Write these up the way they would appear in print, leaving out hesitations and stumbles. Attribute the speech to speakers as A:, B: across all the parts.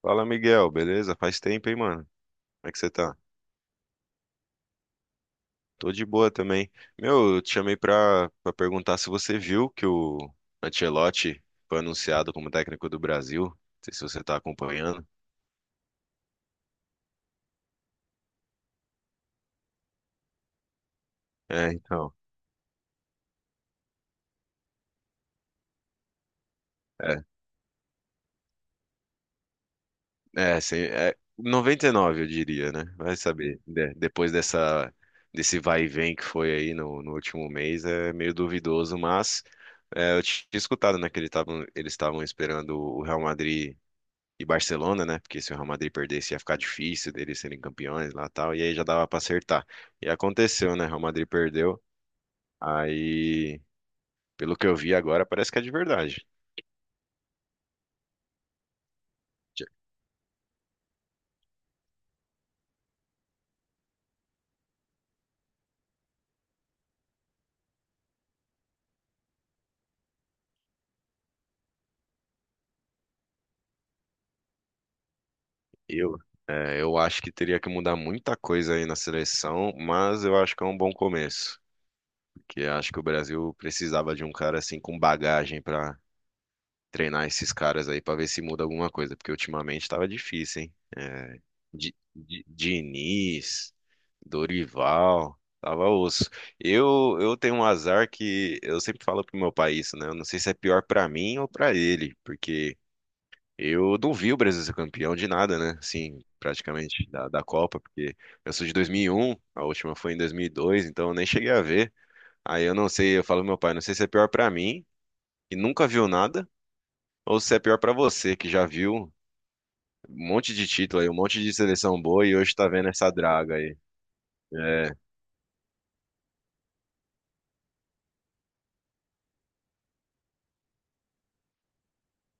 A: Fala, Miguel, beleza? Faz tempo, hein, mano? Como é que você tá? Tô de boa também. Meu, eu te chamei pra perguntar se você viu que o Ancelotti foi anunciado como técnico do Brasil. Não sei se você tá acompanhando. É, então. É, sim, é 99, eu diria, né? Vai saber. Depois dessa, desse vai e vem que foi aí no último mês, é meio duvidoso, mas é, eu tinha escutado, né, que eles estavam esperando o Real Madrid e Barcelona, né? Porque se o Real Madrid perdesse, ia ficar difícil deles serem campeões lá e tal. E aí já dava pra acertar. E aconteceu, né? O Real Madrid perdeu. Aí, pelo que eu vi agora, parece que é de verdade. Eu, é, eu acho que teria que mudar muita coisa aí na seleção, mas eu acho que é um bom começo. Porque acho que o Brasil precisava de um cara assim com bagagem pra treinar esses caras aí pra ver se muda alguma coisa. Porque ultimamente tava difícil, hein? É, Diniz. Dorival, tava osso. Eu tenho um azar que eu sempre falo pro meu pai isso, né? Eu não sei se é pior pra mim ou pra ele, porque eu não vi o Brasil ser campeão de nada, né? Assim, praticamente da Copa, porque eu sou de 2001, a última foi em 2002, então eu nem cheguei a ver. Aí eu não sei, eu falo pro meu pai, não sei se é pior pra mim, que nunca viu nada, ou se é pior pra você, que já viu um monte de título aí, um monte de seleção boa e hoje tá vendo essa draga aí. É,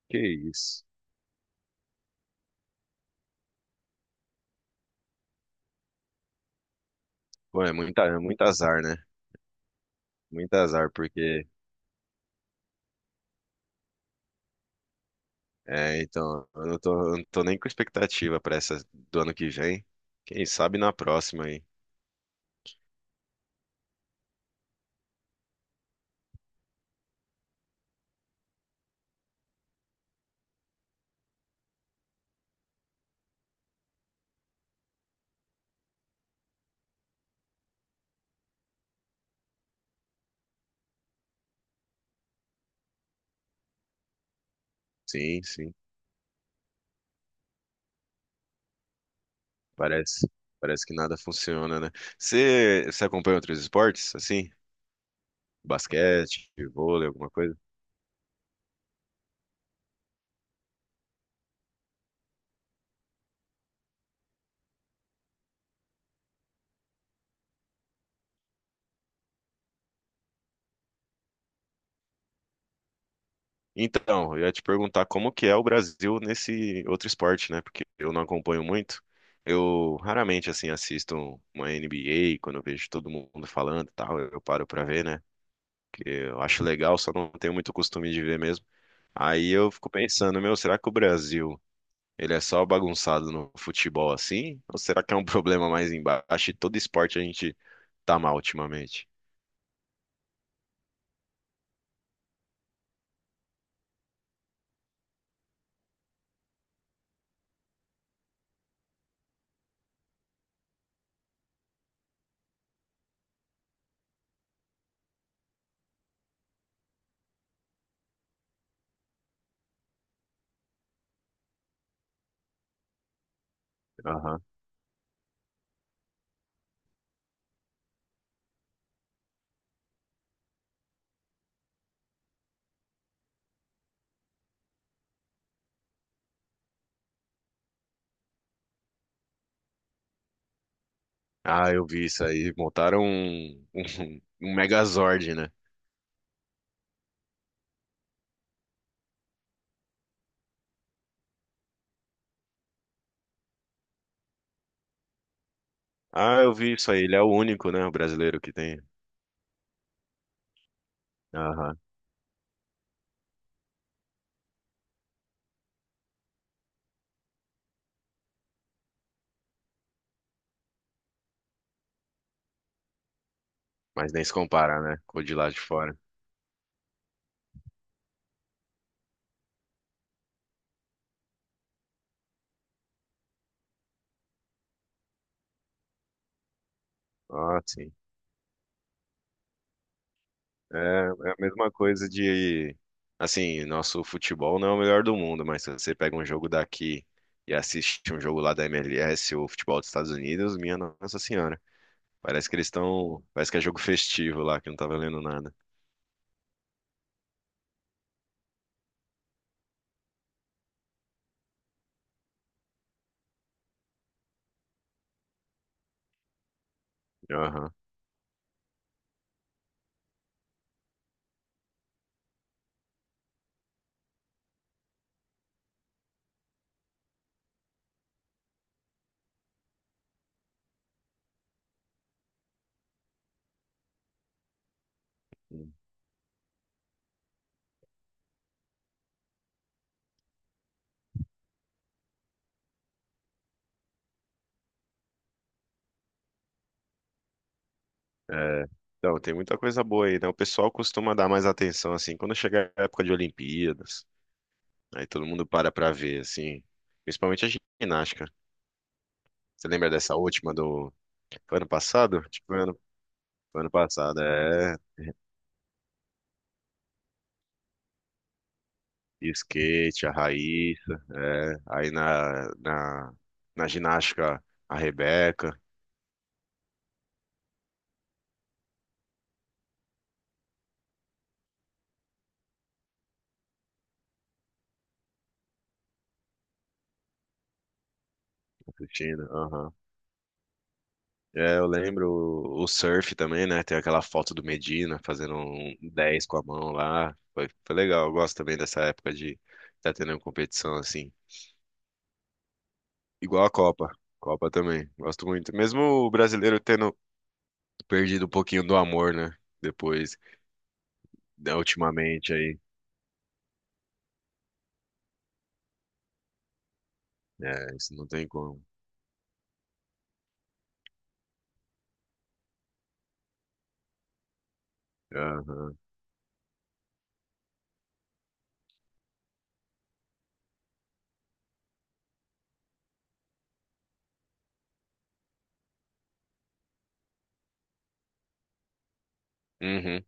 A: que isso. Pô, é muito azar, né? Muito azar, porque. É, então, eu não tô nem com expectativa pra essa do ano que vem. Quem sabe na próxima aí. Sim, sim. Parece, parece que nada funciona, né? Você acompanha outros esportes, assim? Basquete, vôlei, alguma coisa? Então, eu ia te perguntar como que é o Brasil nesse outro esporte, né? Porque eu não acompanho muito. Eu raramente, assim, assisto uma NBA, quando eu vejo todo mundo falando e tal, eu paro pra ver, né? Eu acho legal, só não tenho muito costume de ver mesmo. Aí eu fico pensando, meu, será que o Brasil, ele é só bagunçado no futebol assim? Ou será que é um problema mais embaixo e todo esporte a gente tá mal ultimamente? Aham. Ah, eu vi isso aí. Montaram um Megazord, né? Ah, eu vi isso aí. Ele é o único, né, o brasileiro que tem. Aham. Mas nem se compara, né, com o de lá de fora. Ah, sim. É, é a mesma coisa de, assim, nosso futebol não é o melhor do mundo, mas se você pega um jogo daqui e assiste um jogo lá da MLS ou futebol dos Estados Unidos, minha Nossa Senhora. Parece que eles estão. Parece que é jogo festivo lá, que não tá valendo nada. Aham. É, então, tem muita coisa boa aí, né? O pessoal costuma dar mais atenção, assim, quando chega a época de Olimpíadas, aí todo mundo para pra ver, assim, principalmente a ginástica. Você lembra dessa última do. Foi ano passado? Tipo, foi ano passado, é. E skate, a Raíssa, é. Aí na ginástica, a Rebeca assistindo. Aham. É, eu lembro o surf também, né? Tem aquela foto do Medina fazendo um 10 com a mão lá. Foi legal. Eu gosto também dessa época de estar tendo competição assim. Igual a Copa. Copa também. Gosto muito. Mesmo o brasileiro tendo perdido um pouquinho do amor, né? Depois, né, ultimamente aí. É, isso não tem como. Aham. Uhum.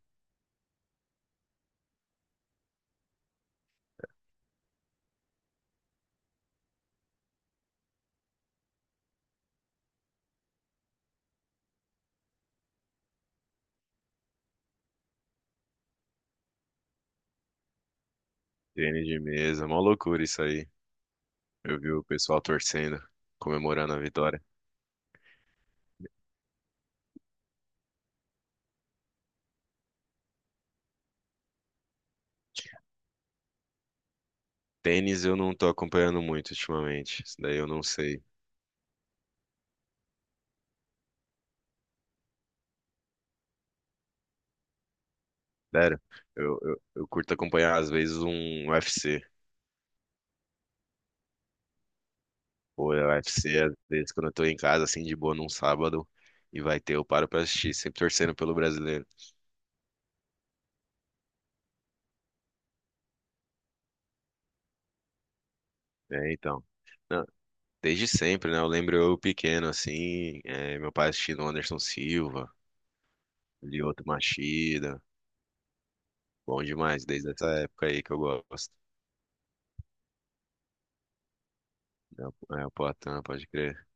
A: Tênis de mesa, mó loucura isso aí. Eu vi o pessoal torcendo, comemorando a vitória. Tênis eu não tô acompanhando muito ultimamente, isso daí eu não sei. Sério, eu curto acompanhar às vezes um UFC. Pô, é UFC, às vezes quando eu tô em casa, assim, de boa num sábado, e vai ter, eu paro pra assistir, sempre torcendo pelo brasileiro. É, então. Não, desde sempre, né? Eu lembro eu pequeno, assim, é, meu pai assistindo Anderson Silva, Lyoto Machida, bom demais, desde essa época aí que eu gosto. É, o Poitin, pode crer.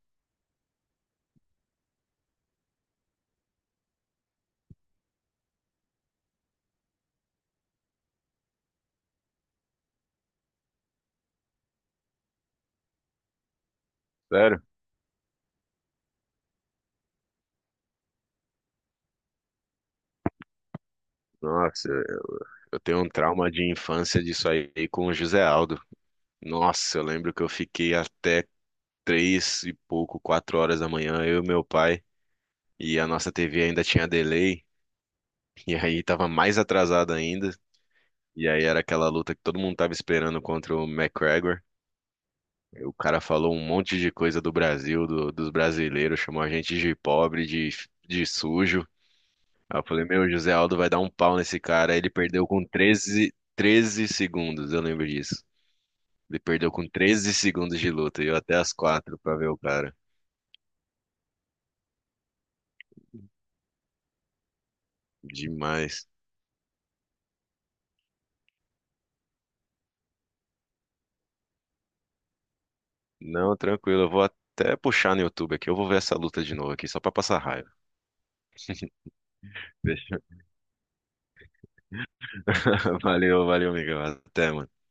A: Sério? Nossa, eu tenho um trauma de infância disso aí com o José Aldo. Nossa, eu lembro que eu fiquei até 3 e pouco, 4 horas da manhã, eu e meu pai, e a nossa TV ainda tinha delay, e aí tava mais atrasada ainda. E aí era aquela luta que todo mundo tava esperando contra o McGregor. E o cara falou um monte de coisa do Brasil, dos brasileiros, chamou a gente de pobre, de sujo. Aí eu falei, meu, o José Aldo vai dar um pau nesse cara. Aí ele perdeu com 13 segundos, eu lembro disso. Ele perdeu com 13 segundos de luta, e eu até as 4 pra ver o cara. Demais. Não, tranquilo, eu vou até puxar no YouTube aqui, eu vou ver essa luta de novo aqui, só pra passar raiva. Fechou. Valeu, valeu, amigo. Até, mano.